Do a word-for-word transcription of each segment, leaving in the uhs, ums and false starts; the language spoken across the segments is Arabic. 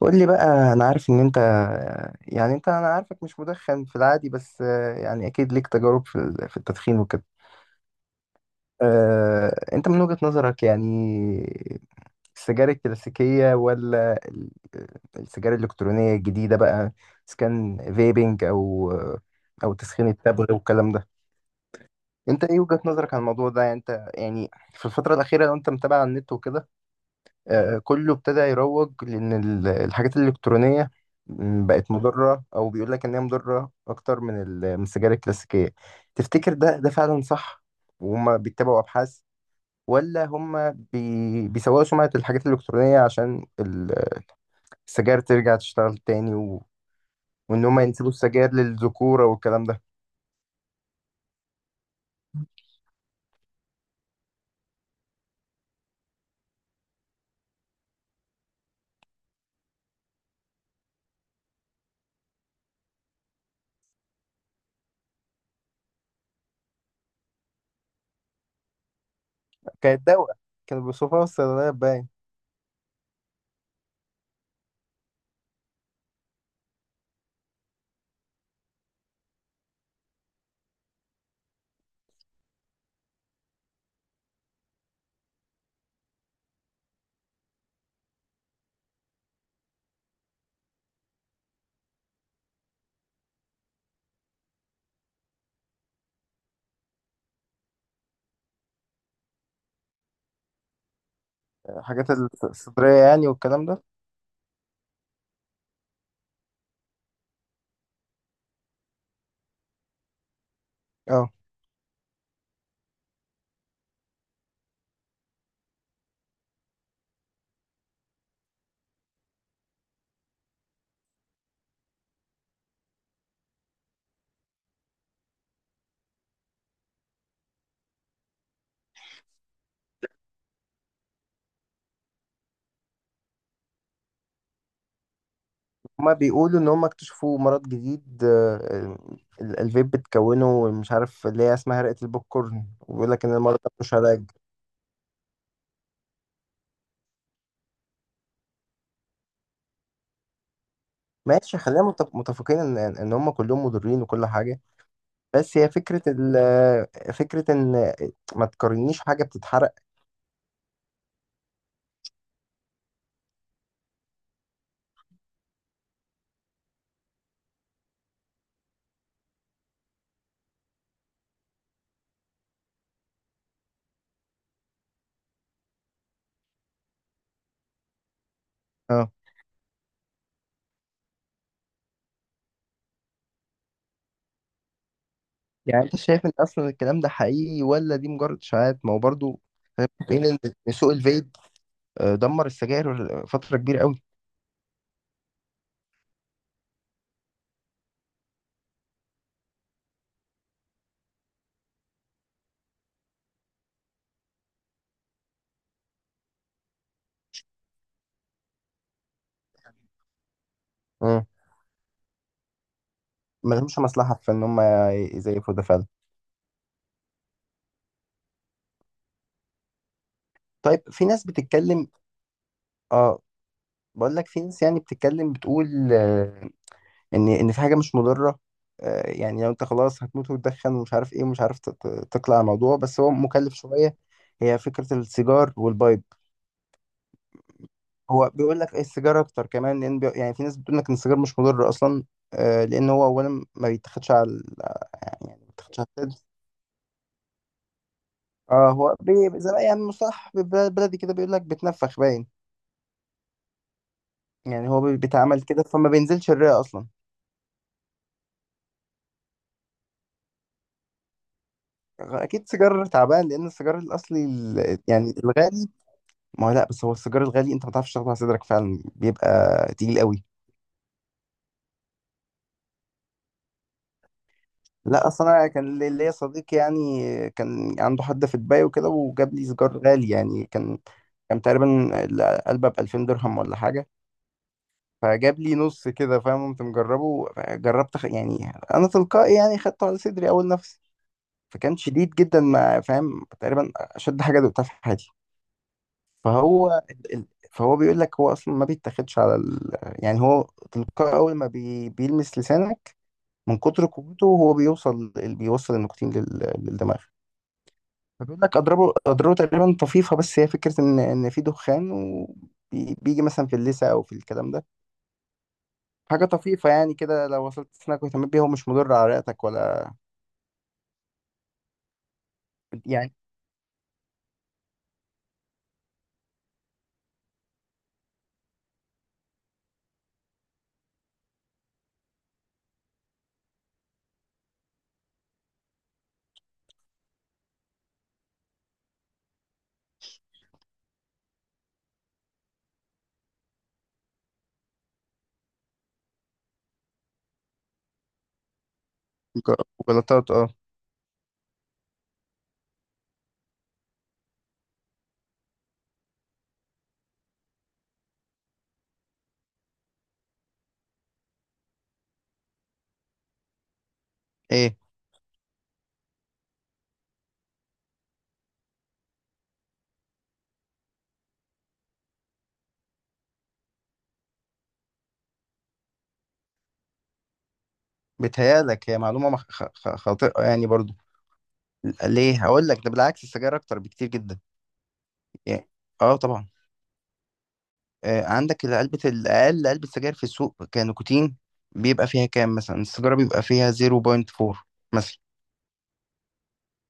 قول لي بقى، انا عارف ان انت يعني انت انا عارفك مش مدخن في العادي، بس آه، يعني اكيد ليك تجارب في ال- في التدخين وكده. آه، انت من وجهة نظرك يعني، السجاير الكلاسيكية ولا ال- السجاير الإلكترونية الجديدة بقى، اذا كان فيبنج او او تسخين التبغ والكلام ده. انت ايه وجهة نظرك عن الموضوع ده؟ يعني انت يعني في الفترة الأخيرة، لو انت متابع على النت وكده، آه، كله ابتدى يروج لان ال- الحاجات الالكترونيه، م، بقت مضره، او بيقول لك ان هي مضره اكتر من ال- من السجاير الكلاسيكيه. تفتكر ده ده فعلا صح؟ وهم بيتبعوا ابحاث ولا هم بي بيسوقوا سمعه الحاجات الالكترونيه عشان ال- السجاير ترجع تشتغل تاني و... وان هم ينسبوا السجاير للذكوره والكلام ده. كانت دواء، كانوا بيوصفوها في الصيدليات باين. الحاجات الصدريه يعني والكلام ده. اه، هما بيقولوا ان هما اكتشفوا مرض جديد، آه، ال- الفيب بتكونه، مش عارف اللي هي اسمها هرقة البوب كورن، وبيقول لك ان المرض ده مش علاج. ماشي، خلينا متف- متفقين ان ان هم كلهم مضرين وكل حاجه، بس هي فكره ال فكره ان ما تقارنيش حاجه بتتحرق. اه. يعني انت شايف ان اصلا الكلام ده حقيقي، ولا دي مجرد اشاعات؟ ما هو برضه خلينا متفقين ان إن سوق الفيب، آه، دمر السجاير فتره كبيره قوي. امم ما لهمش مصلحه في ان هم يزيفوا ده فعلا. طيب في ناس بتتكلم. اه بقول لك، في ناس يعني بتتكلم بتقول آه، ان ان في حاجه مش مضره، آه، يعني لو انت خلاص هتموت وتدخن ومش عارف ايه، ومش عارف تت- تقلع الموضوع، بس هو مكلف شويه. هي فكره السيجار والبايب. هو بيقول لك إيه؟ السيجار اكتر كمان، لان بي... يعني في ناس بتقول لك ان السيجار مش مضر اصلا، آه، لان هو اولا ما بيتاخدش على ال- يعني ما بيتاخدش على الكد. اه هو بي... زي ما- يعني مصطلح بلدي كده، بيقول لك بتنفخ باين. يعني هو بي- بيتعمل كده، فما بينزلش الرئه اصلا. اكيد سيجار تعبان، لان السيجار الاصلي ال- يعني الغالي. ما هو لا، بس هو السيجار الغالي انت ما تعرفش تاخده على صدرك، فعلا بيبقى تقيل قوي. لا اصلا، انا كان لي- ليا صديق يعني كان عنده حد في دبي وكده، وجاب لي سيجار غالي، يعني كان كان تقريبا العلبه ب ألفين درهم ولا حاجه. فجاب لي نص كده، فاهم، قمت مجربه، جربت خ- يعني انا تلقائي يعني خدته على صدري اول نفسي، فكان شديد جدا، ما فاهم، تقريبا اشد حاجه دقتها في حياتي. فهو ال- ال- فهو بيقول لك هو اصلا ما بيتاخدش على ال... يعني هو تلقائي، اول ما بي... بيلمس لسانك من كتر قوته، هو بيوصل بيوصل النيكوتين لل... للدماغ. فبيقول لك اضربه اضربه تقريبا طفيفه، بس هي فكره ان ان في دخان وبيجي مثلا في اللثه او في الكلام ده. حاجه طفيفه، يعني كده لو وصلت سنك واهتميت بيها، هو مش مضر على رئتك ولا يعني. جلطات، اه. ايه بتهيالك هي معلومه مخ- خ- خ- خاطئه يعني برضو؟ ليه؟ هقول لك، ده بالعكس، السجاير اكتر بكتير جدا. يعني، اه طبعا، آه عندك علبة، الأقل علبة سجاير في السوق كنيكوتين بيبقى فيها كام؟ مثلا السيجارة بيبقى فيها صفر فاصلة أربعة مثلا،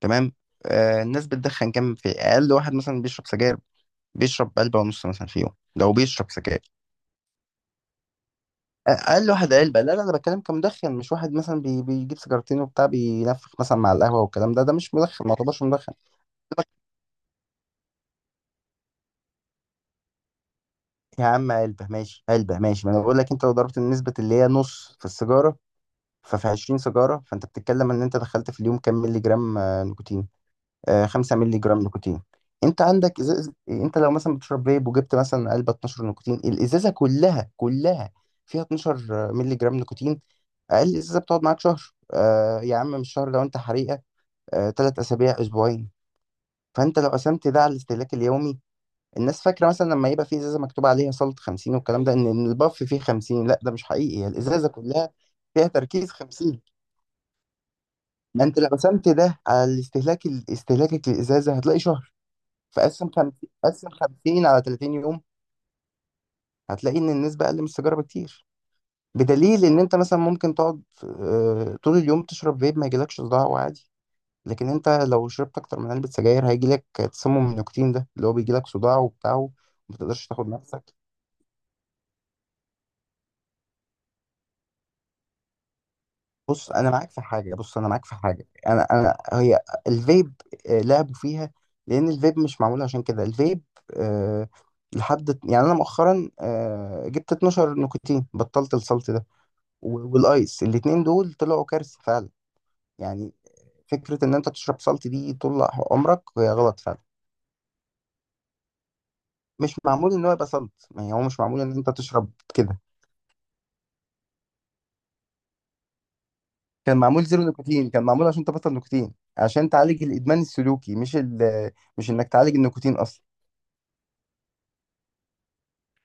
تمام. آه الناس بتدخن كام في أقل واحد، مثلا بيشرب سجاير؟ بيشرب علبة ونص مثلا في يوم، لو بيشرب سجاير. أقل واحد علبة، لا لا، أنا بتكلم كمدخن، مش واحد مثلا بي بيجيب سيجارتين وبتاع، بينفخ مثلا مع القهوة والكلام ده، ده مش مدخن، ما يعتبرش مدخن. يا عم علبة، ماشي علبة، ماشي، ما أنا بقول لك أنت لو ضربت النسبة اللي هي نص في السيجارة، ففي 20 سيجارة، فأنت بتتكلم إن أنت دخلت في اليوم كام مللي جرام آه، نيكوتين؟ آه، خمسة مللي جرام مللي جرام نيكوتين. أنت عندك إزازة، أنت لو مثلا بتشرب فيب وجبت مثلا علبة 12 نيكوتين، الإزازة كلها كلها فيها اتناشر مللي جرام مللي جرام نيكوتين. أقل إزازة بتقعد معاك شهر، آه، يا عم مش شهر، لو أنت حريقة آه، تلات أسابيع، أسبوعين. فأنت لو قسمت ده على الاستهلاك اليومي، الناس فاكرة مثلا لما يبقى في إزازة مكتوب عليها صلة خمسين والكلام ده، إن إن الباف فيه خمسين، لا، ده مش حقيقي، هي الإزازة كلها فيها تركيز خمسين. ما انت لو قسمت ده على الاستهلاك استهلاكك للازازه هتلاقي شهر. فقسم خمسين، قسم خمسين على 30 يوم، هتلاقي ان النسبه اقل من السيجاره بكتير، بدليل ان انت مثلا ممكن تقعد آه، طول اليوم تشرب فيب، ما يجيلكش صداع وعادي، لكن انت لو شربت اكتر من علبه سجاير، هيجيلك تسمم النيكوتين، ده اللي هو بيجيلك صداع وبتاع، وما تقدرش تاخد نفسك. بص انا معاك في حاجه، بص انا معاك في حاجه، انا انا هي الفيب، آه، لعبوا فيها، لان الفيب مش معمول عشان كده. الفيب أه لحد يعني، انا مؤخرا أه جبت 12 نيكوتين، بطلت السلط ده و- والايس، الاتنين دول طلعوا كارثه فعلا. يعني فكره ان انت تشرب سلط دي طول عمرك هي غلط فعلا، مش معمول ان هو يبقى سلط، يعني هو مش معمول ان انت تشرب كده. كان معمول زيرو نيكوتين، كان معمول عشان تبطل نيكوتين، عشان تعالج الادمان السلوكي، مش ال مش انك تعالج النيكوتين اصلا.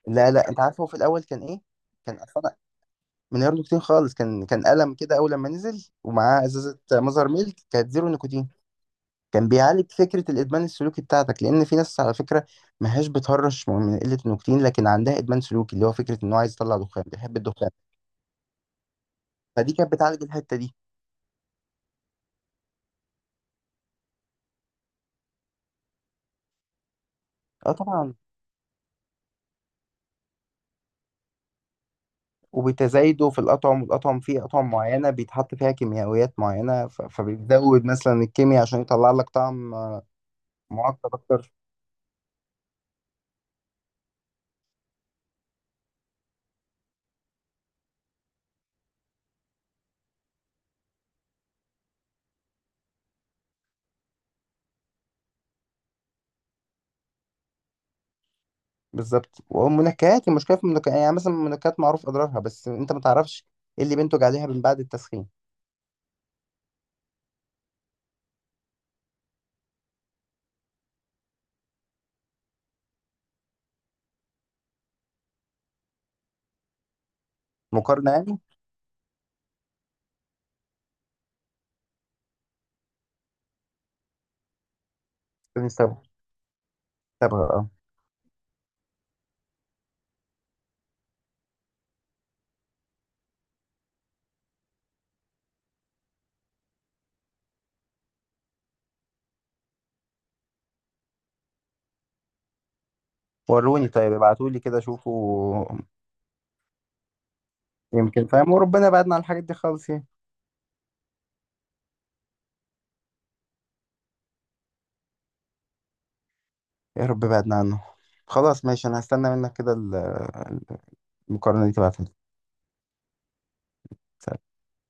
لا لا، انت عارف هو في الاول كان ايه؟ كان اصلا من غير نيكوتين خالص، كان كان قلم كده اول لما نزل، ومعاه ازازه مازر ميلك كانت زيرو نيكوتين، كان بيعالج فكره الادمان السلوكي بتاعتك، لان في ناس على فكره ما هياش بتهرش من قله النيكوتين، لكن عندها ادمان سلوكي، اللي هو فكره انه عايز يطلع دخان، بيحب الدخان. فدي كانت بتعالج الحته دي. اه طبعا. وبتزايده في الاطعم والاطعم، فيه اطعم معينه بيتحط فيها كيميائيات معينه، ف- فبيزود مثلا الكيمياء عشان يطلع لك طعم معقد اكتر. بالظبط، والمنكهات، المشكله في المنكهات يعني، مثلا المنكهات معروف اضرارها، بس انت ما تعرفش ايه اللي بينتج عليها من بعد التسخين. مقارنه يعني، بنستبها استبها، اه. وروني، طيب ابعتوا لي كده شوفوا، يمكن فاهم. وربنا بعدنا عن الحاجات دي خالص يعني، يا رب بعدنا عنه. خلاص ماشي، انا هستنى منك كده ال- المقارنه دي تبعتها لي.